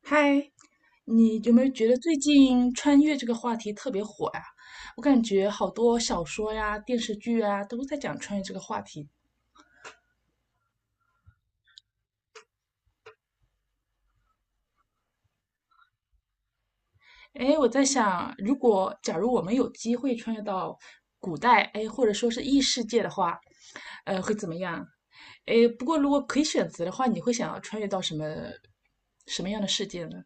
嗨，你有没有觉得最近穿越这个话题特别火呀？我感觉好多小说呀、电视剧啊都在讲穿越这个话题。哎，我在想，如果假如我们有机会穿越到古代，哎，或者说是异世界的话，会怎么样？哎，不过如果可以选择的话，你会想要穿越到什么什么样的世界呢？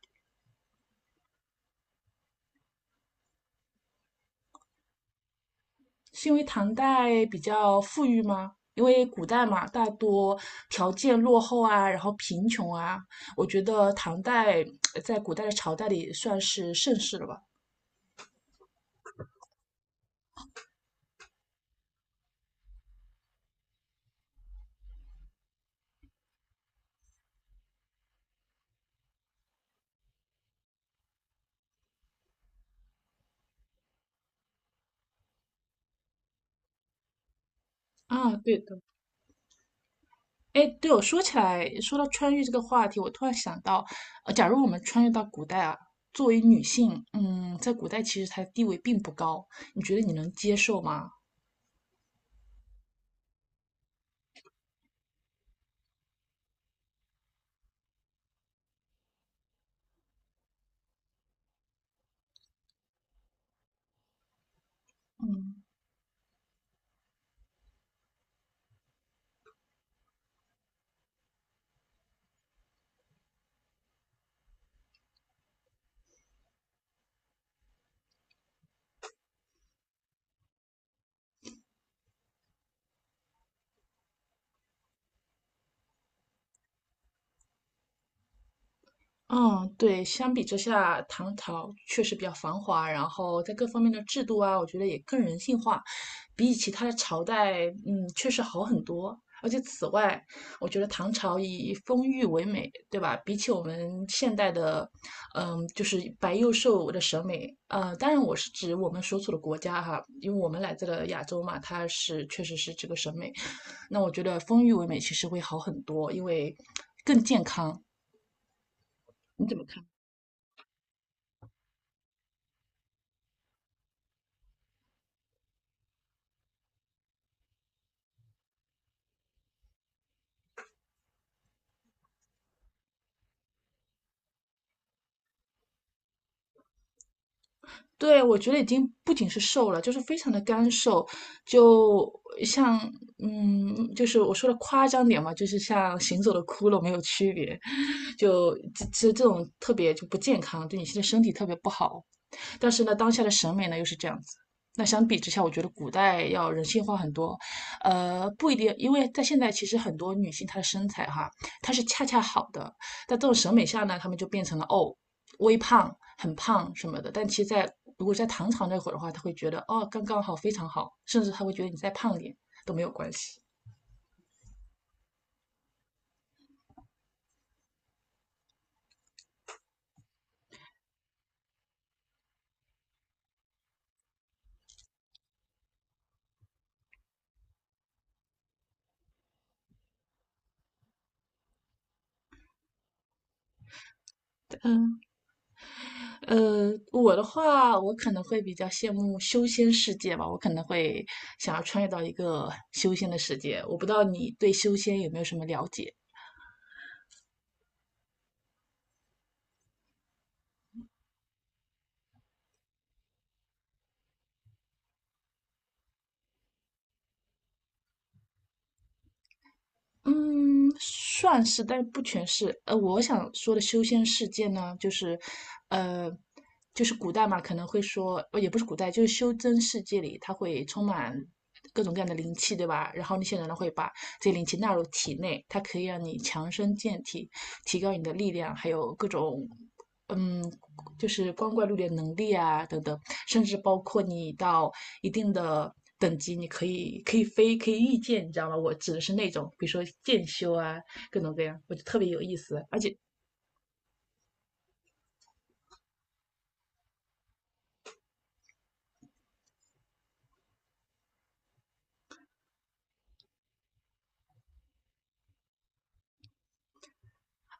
是因为唐代比较富裕吗？因为古代嘛，大多条件落后啊，然后贫穷啊，我觉得唐代在古代的朝代里算是盛世了吧。啊，对的。哎，对我说起来，说到穿越这个话题，我突然想到，假如我们穿越到古代啊，作为女性，嗯，在古代其实她的地位并不高，你觉得你能接受吗？嗯，对，相比之下，唐朝确实比较繁华，然后在各方面的制度啊，我觉得也更人性化，比起他的朝代，嗯，确实好很多。而且此外，我觉得唐朝以丰腴为美，对吧？比起我们现代的，嗯，就是白幼瘦的审美，当然我是指我们所处的国家哈，因为我们来自了亚洲嘛，它是确实是这个审美。那我觉得丰腴为美其实会好很多，因为更健康。你怎么看？对，我觉得已经不仅是瘦了，就是非常的干瘦，就像嗯，就是我说的夸张点嘛，就是像行走的骷髅没有区别，就这种特别就不健康，对你现在身体特别不好。但是呢，当下的审美呢又是这样子。那相比之下，我觉得古代要人性化很多，不一定，因为在现在其实很多女性她的身材哈，她是恰恰好的，在这种审美下呢，她们就变成了哦，微胖、很胖什么的。但其实在，如果在唐朝那会儿的话，她会觉得哦，刚刚好，非常好，甚至她会觉得你再胖点都没有关系。嗯，我的话，我可能会比较羡慕修仙世界吧，我可能会想要穿越到一个修仙的世界。我不知道你对修仙有没有什么了解？嗯，算是，但不全是。呃，我想说的修仙世界呢，就是，呃，就是古代嘛，可能会说，呃也不是古代，就是修真世界里，它会充满各种各样的灵气，对吧？然后那些人呢会把这些灵气纳入体内，它可以让你强身健体，提高你的力量，还有各种，嗯，就是光怪陆离的能力啊等等，甚至包括你到一定的等级，你可以飞，可以御剑，你知道吗？我指的是那种，比如说剑修啊，各种各样，我就特别有意思，而且。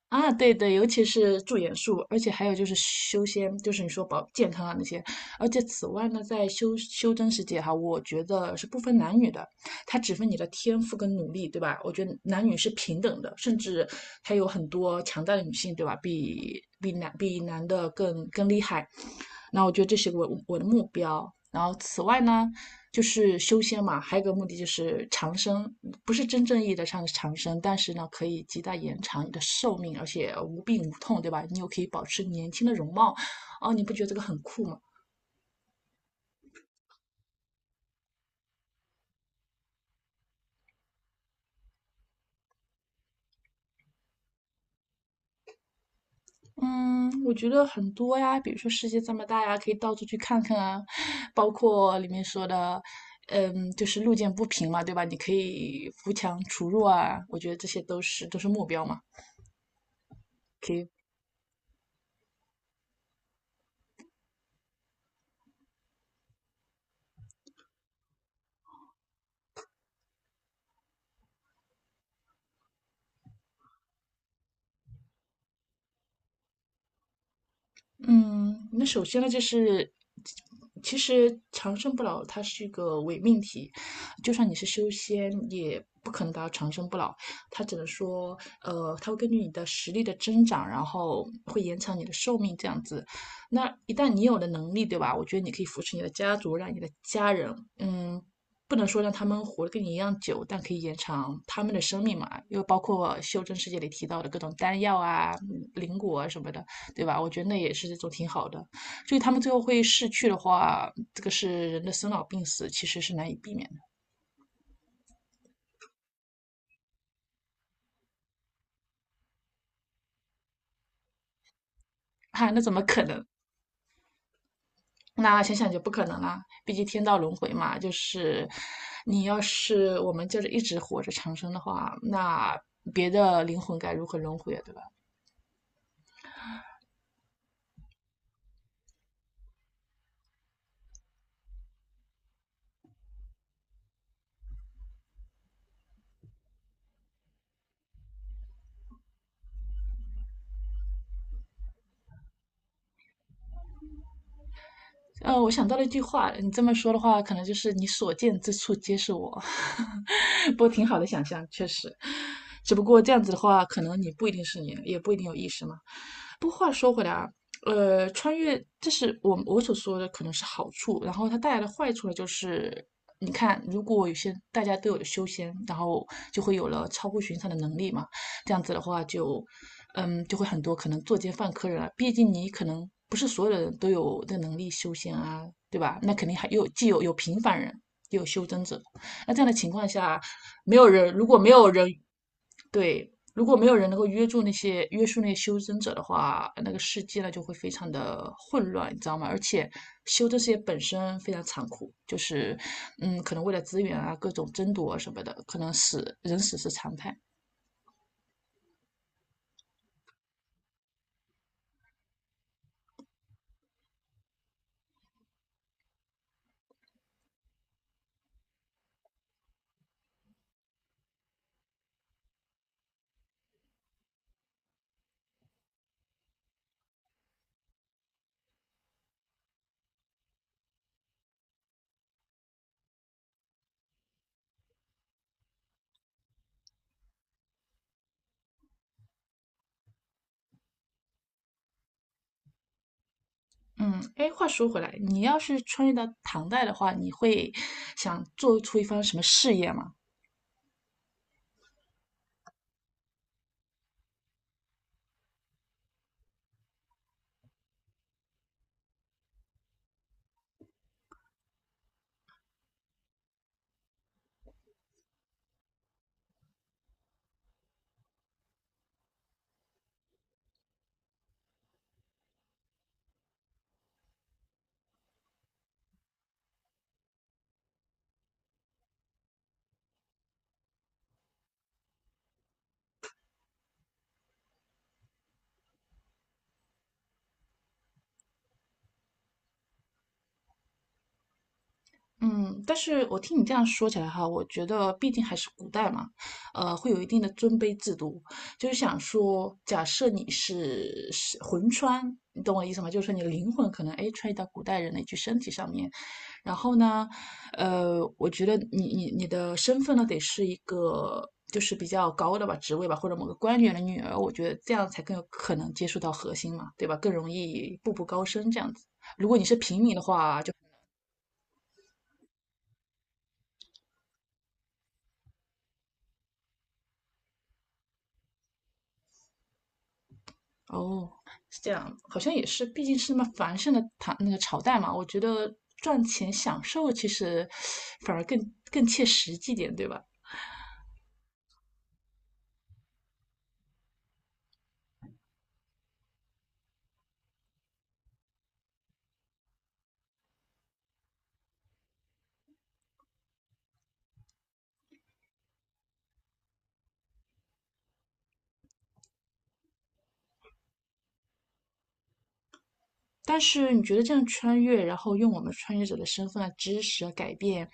啊，对对，尤其是驻颜术，而且还有就是修仙，就是你说保健康啊那些，而且此外呢，在修真世界哈，我觉得是不分男女的，它只分你的天赋跟努力，对吧？我觉得男女是平等的，甚至还有很多强大的女性，对吧？比男的更厉害。那我觉得这是我的目标。然后此外呢，就是修仙嘛，还有一个目的就是长生，不是真正意义的上长生，但是呢，可以极大延长你的寿命，而且无病无痛，对吧？你又可以保持年轻的容貌，哦，你不觉得这个很酷吗？嗯，我觉得很多呀，比如说世界这么大呀，可以到处去看看啊，包括里面说的，嗯，就是路见不平嘛，对吧？你可以扶墙除弱啊，我觉得这些都是目标嘛，可以嗯，那首先呢，就是其实长生不老它是一个伪命题，就算你是修仙，也不可能达到长生不老。它只能说，它会根据你的实力的增长，然后会延长你的寿命这样子。那一旦你有了能力，对吧？我觉得你可以扶持你的家族，让你的家人，嗯。不能说让他们活得跟你一样久，但可以延长他们的生命嘛，又包括《修真世界》里提到的各种丹药啊、灵果啊什么的。对吧？我觉得那也是一种挺好的。所以他们最后会逝去的话，这个是人的生老病死，其实是难以避免的。哈、啊那怎么可能？那想想就不可能啦，毕竟天道轮回嘛，就是你要是我们就是一直活着长生的话，那别的灵魂该如何轮回啊？对吧？我想到了一句话，你这么说的话，可能就是你所见之处皆是我。不过挺好的想象，确实。只不过这样子的话，可能你不一定是你，也不一定有意识嘛。不过话说回来啊，穿越这是我所说的可能是好处，然后它带来的坏处呢，就是你看，如果有些大家都有了修仙，然后就会有了超乎寻常的能力嘛。这样子的话就，嗯，就会很多可能作奸犯科人了。啊毕竟你可能不是所有的人都有的能力修仙啊，对吧？那肯定还有既有平凡人，也有修真者。那这样的情况下，没有人如果没有人对，如果没有人能够约束那些修真者的话，那个世界呢就会非常的混乱，你知道吗？而且修真世界本身非常残酷，就是嗯，可能为了资源啊，各种争夺啊什么的，可能死人死是常态。嗯，哎，话说回来，你要是穿越到唐代的话，你会想做出一番什么事业吗？嗯，但是我听你这样说起来哈，我觉得毕竟还是古代嘛，会有一定的尊卑制度。就是想说，假设你是魂穿，你懂我意思吗？就是说你的灵魂可能哎穿越到古代人的一具身体上面，然后呢，我觉得你的身份呢，得是一个就是比较高的吧，职位吧，或者某个官员的女儿，我觉得这样才更有可能接触到核心嘛，对吧？更容易步步高升这样子。如果哦，是这样，好像也是，毕竟是那么繁盛的唐那个朝代嘛，我觉得赚钱享受其实反而更切实际点，对吧？但是你觉得这样穿越，然后用我们穿越者的身份啊、知识啊改变，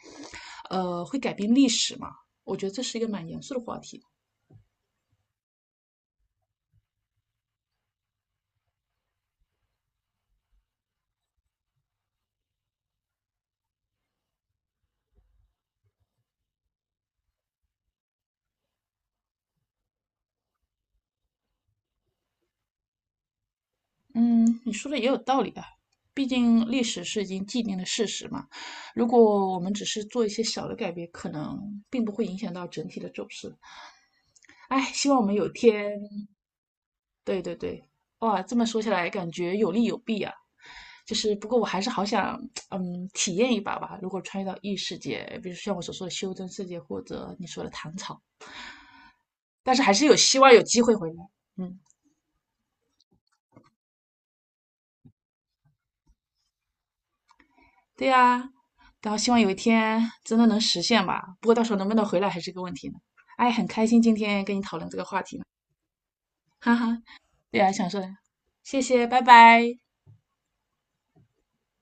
会改变历史吗？我觉得这是一个蛮严肃的话题。嗯，你说的也有道理啊，毕竟历史是已经既定的事实嘛。如果我们只是做一些小的改变，可能并不会影响到整体的走势。哎，希望我们有天对对对，哇，这么说起来，感觉有利有弊啊。就是不过我还是好想，嗯，体验一把吧。如果穿越到异世界，比如像我所说的修真世界，或者你说的唐朝，但是还是有希望有机会回来。嗯，对呀、然后希望有一天真的能实现吧。不过到时候能不能回来还是个问题呢。哎，很开心今天跟你讨论这个话题呢，哈哈。对呀、想说的谢谢，拜拜。